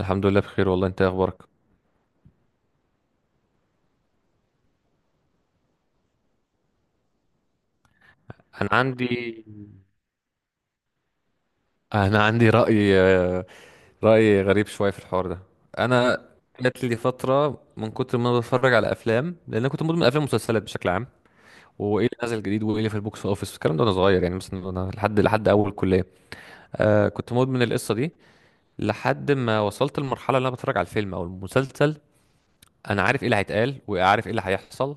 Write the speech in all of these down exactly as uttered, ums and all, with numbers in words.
الحمد لله بخير والله، انت ايه اخبارك؟ انا عندي انا عندي رأي آه، رأي غريب شوية في الحوار ده. انا جات لي فترة من كتر ما انا بتفرج على افلام، لان انا كنت مدمن افلام ومسلسلات بشكل عام، وايه اللي نازل جديد وايه اللي في البوكس اوفيس الكلام ده وانا صغير، يعني مثلا انا لحد لحد اول كلية. آه كنت مدمن القصة دي لحد ما وصلت لمرحلة اللي انا بتفرج على الفيلم او المسلسل انا عارف ايه اللي هيتقال وعارف ايه اللي هيحصل.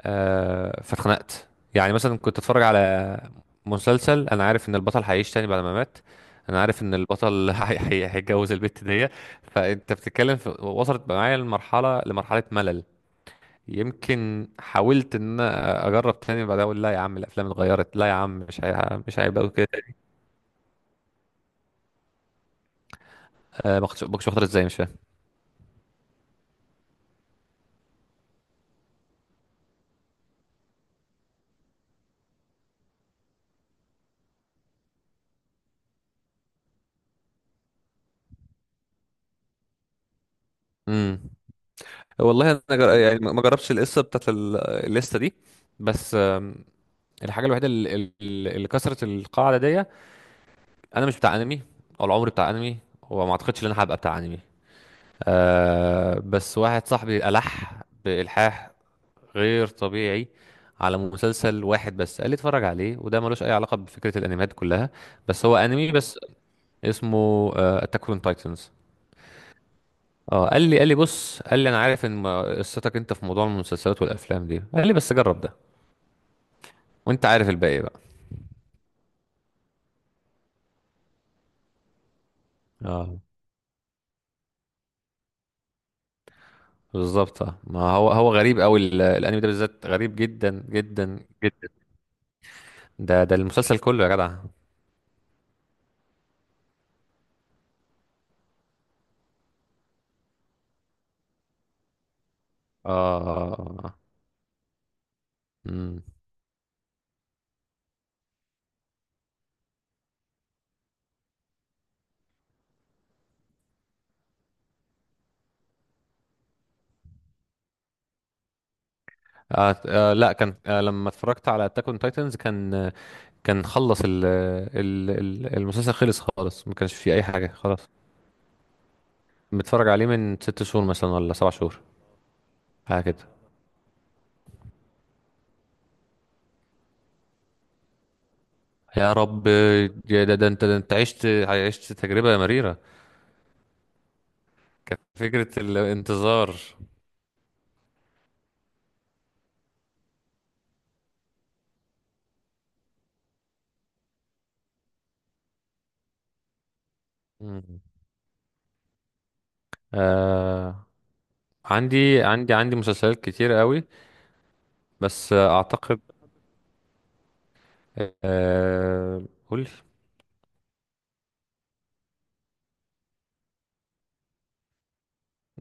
آه فاتخنقت. يعني مثلا كنت اتفرج على مسلسل انا عارف ان البطل هيعيش تاني بعد ما مات، انا عارف ان البطل هي- هي- هيتجوز البت دي. فانت بتتكلم في، وصلت معايا لمرحله لمرحله ملل. يمكن حاولت ان انا اجرب تاني، بعد اقول لا يا عم الافلام اتغيرت، لا يا عم مش هي... مش هيبقى أوي كده. آه ما كنتش ما كنتش واخدها ازاي، مش فاهم. امم. والله انا جر... يعني ما ما جربتش القصه بتاعت ال- الليسته دي. بس آم، الحاجه الوحيده اللي, اللي اللي كسرت القاعده دي. انا مش بتاع انمي، ولا عمري بتاع انمي، وما اعتقدش ان انا هبقى بتاع انمي. أه، بس واحد صاحبي ألح بإلحاح غير طبيعي على مسلسل واحد بس، قال لي اتفرج عليه وده ملوش اي علاقة بفكرة الانميات كلها. بس هو انمي بس، اسمه اتاك اون تايتنز. اه، قال لي قال لي بص، قال لي انا عارف ان ما- قصتك انت في موضوع المسلسلات والافلام دي، قال لي بس جرب ده. وانت عارف الباقي بقى. اه بالظبط. اه، ما هو هو غريب قوي. الانمي ده بالذات غريب جدا جدا جدا. ده ده المسلسل كله يا جدع. اه. امم. آه. آه. لا. كان آه. لما اتفرجت على اتاك اون تايتنز كان آه، كان خلص ال ال ال- المسلسل، خلص خالص، ما كانش فيه اي حاجه خلاص. متفرج عليه من ست شهور مثلا، ولا سبع شهور، حاجه كده. يا رب. يا ده, ده انت ده انت عشت عشت تجربه مريره. كانت فكره الانتظار. مم. آه. عندي عندي عندي مسلسلات كتير قوي. بس آه، اعتقد. آه. قول.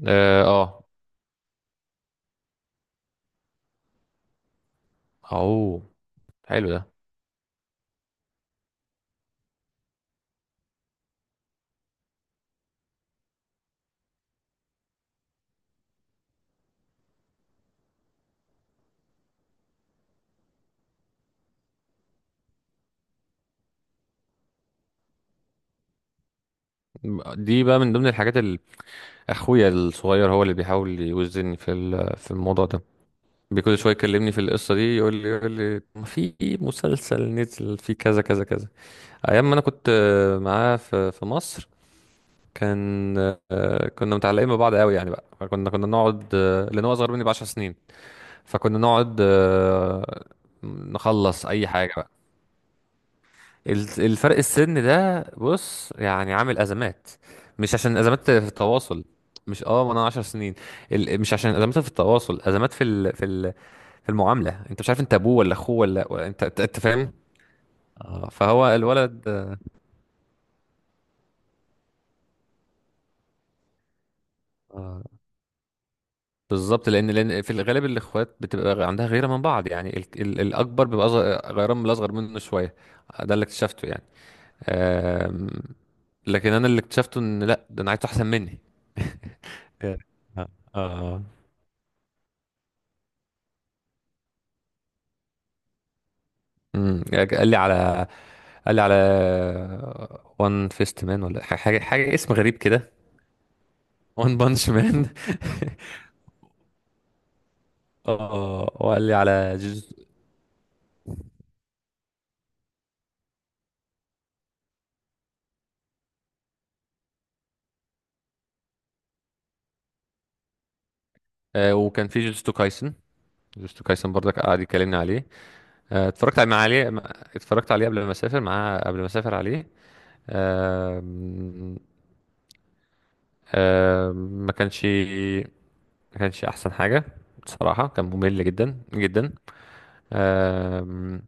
اه. آه. اوه، حلو ده. دي بقى من ضمن الحاجات اللي اخويا الصغير هو اللي بيحاول يوزني في ال- في الموضوع ده. بكل شويه يكلمني في القصه دي، يقول لي يقول لي ما في مسلسل نزل فيه كذا كذا كذا، ايام ما انا كنت آه، معاه في في مصر. كان آه، كنا متعلقين ببعض قوي، يعني بقى كنا كنا نقعد آه، لان هو اصغر مني ب عشر سنين. فكنا نقعد آه، نخلص اي حاجه. الت- الفرق السن ده بص يعني عامل ازمات. مش عشان ازمات في التواصل. مش، اه ما انا عشرة سنين. ال... مش عشان ازمات في التواصل، ازمات في ال... في ال... في المعامله. انت مش عارف انت ابوه ولا اخوه ولا ولا انت انت أنت فاهم. آه فهو الولد. آه. بالظبط. لان لان في الغالب الاخوات بتبقى عندها غيره من بعض، يعني ال... ال... الاكبر بيبقى أصغر، غيران من الاصغر منه شويه. ده اللي اكتشفته يعني. آم... لكن انا اللي اكتشفته ان لا، ده انا عايز احسن مني. يعني. اه. آه. امم. قال لي على قال لي على وان فيست مان، ولا ح- حاجه حاجه اسم غريب كده. وان بانش مان. اه، وقال لي على جوز... آه وكان في جوجوتسو كايسن. جوجوتسو كايسن برضك قعد يكلمني عليه. آه، اتفرجت مع عليه مع- اتفرجت عليه قبل ما اسافر معاه، قبل ما اسافر عليه. آه... آه... ما كانش ما كانش احسن حاجه. بصراحه كان ممل جدا جدا. آه...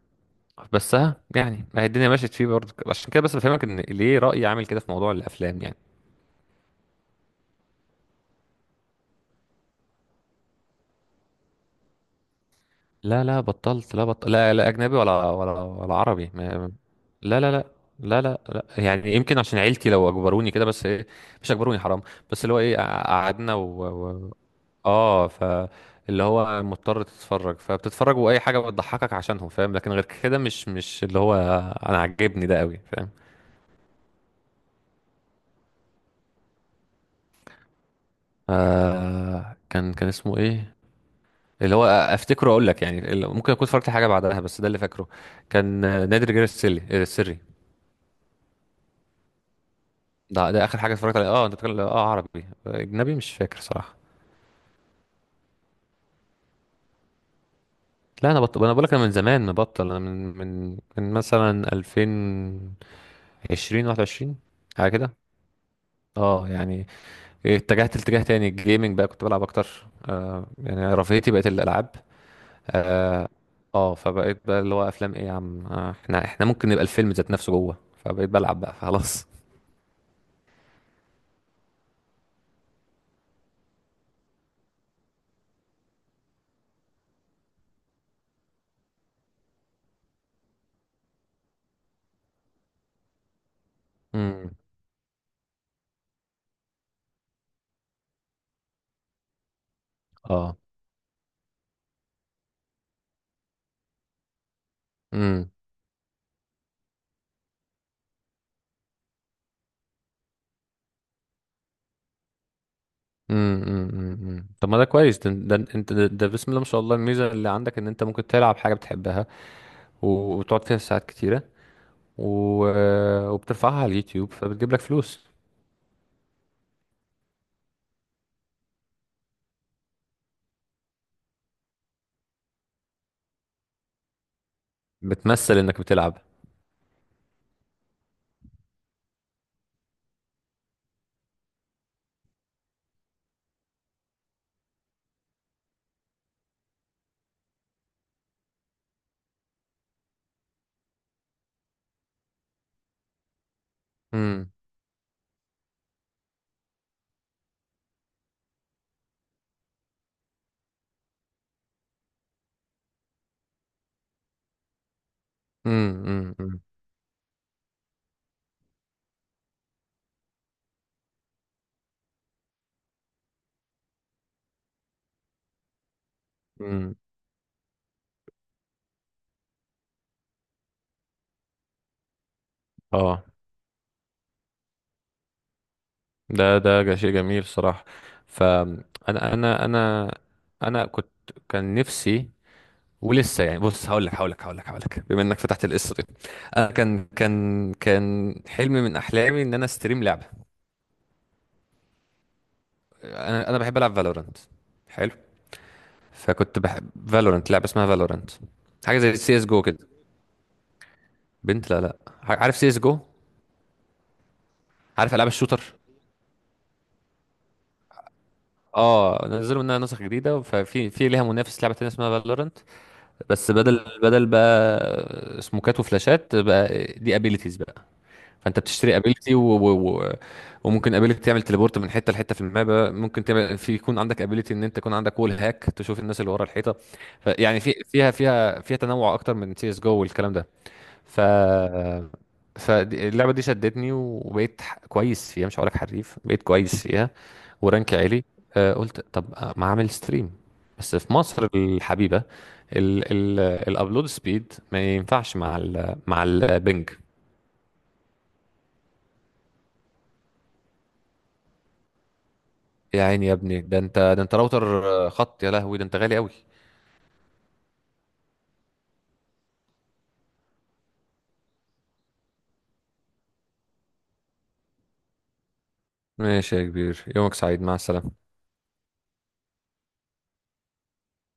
بس ها يعني ما هي الدنيا مشيت فيه برضه، عشان كده بس بفهمك ان ليه رأيي عامل كده في موضوع الافلام يعني. لا لا، بطلت. لا، بطل. لا لا اجنبي، ولا ولا ولا عربي ما... لا لا لا. لا لا لا، يعني يمكن عشان عيلتي لو اجبروني كده، بس إيه. مش اجبروني حرام. بس اللي هو ايه، قع- قعدنا و... و... اه ف. اللي هو مضطر تتفرج، فبتتفرج واي حاجه بتضحكك عشانهم فاهم، لكن غير كده مش مش اللي هو انا عاجبني ده قوي فاهم. آه، كان كان اسمه ايه، اللي هو افتكره اقول لك يعني، اللي- ممكن اكون اتفرجت على حاجه بعدها بس ده اللي فاكره. كان آه، نادي الرجال السري، آه، السري. ده ده اخر حاجه اتفرجت عليها. اه انت بتتكلم، اه، عربي اجنبي، مش فاكر صراحه. لا انا بطل، انا بقول لك انا من زمان مبطل، انا من من من مثلا ألفين وعشرين واحد وعشرين، حاجه كده. اه يعني، اتجهت لاتجاه تاني، الجيمنج بقى كنت بلعب اكتر. آه يعني رفاهيتي بقت الالعاب. اه. آه، فبقيت بقى اللي هو افلام ايه يا عم، آه، احنا احنا ممكن نبقى الفيلم ذات نفسه جوه. فبقيت بلعب بقى خلاص. امم. اه. امم امم امم. طب ما ده كويس ده. ده انت ده, ده بسم الله ما شاء الله الميزه اللي عندك ان انت ممكن تلعب حاجه بتحبها، و- وتقعد فيها ساعات كتيره، و... وبترفعها على اليوتيوب، فبتجيب لك فلوس. بتمثل انك بتلعب. امم. امم. امم. امم. أمم. اه. ده ده جا- شيء جميل صراحه. فانا انا انا انا كنت، كان نفسي، ولسه، يعني بص، هقول لك هقول لك هقول لك هقول لك بما انك فتحت القصه دي. انا كان كان كان حلم من احلامي ان انا استريم لعبه. انا انا بحب العب فالورانت. حلو. فكنت بحب فالورانت، لعبه اسمها فالورانت. حاجه زي سي اس جو كده. بنت، لا لا. عارف سي اس جو. عارف العاب الشوتر. اه، نزلوا منها نسخ جديده، ففي في ليها منافس لعبه تانية اسمها فالورانت. بس بدل بدل بقى سموكات وفلاشات، بقى دي ابيليتيز. فانت بتشتري ابيلتي و... و... و... وممكن ابيلتي تعمل تليبورت من حته لحته في المابا، ممكن تعمل في يكون عندك ابيلتي ان انت يكون عندك وول هاك تشوف الناس اللي ورا الحيطه. فيعني في فيها فيها فيها تنوع اكتر من سي اس جو والكلام ده. ف. فاللعبه دي شدتني، وبقيت ح- كويس فيها، مش هقول لك حريف، بقيت كويس فيها. ورانك عالي. آه، قلت طب، آه، ما اعمل ستريم. بس في مصر الحبيبه، ال ال الابلود سبيد ما ينفعش مع ال مع البنج. يا عيني يا ابني، ده انت، ده انت راوتر آه، خط، يا لهوي ده انت غالي قوي. ماشي يا كبير، يومك سعيد، مع السلامة.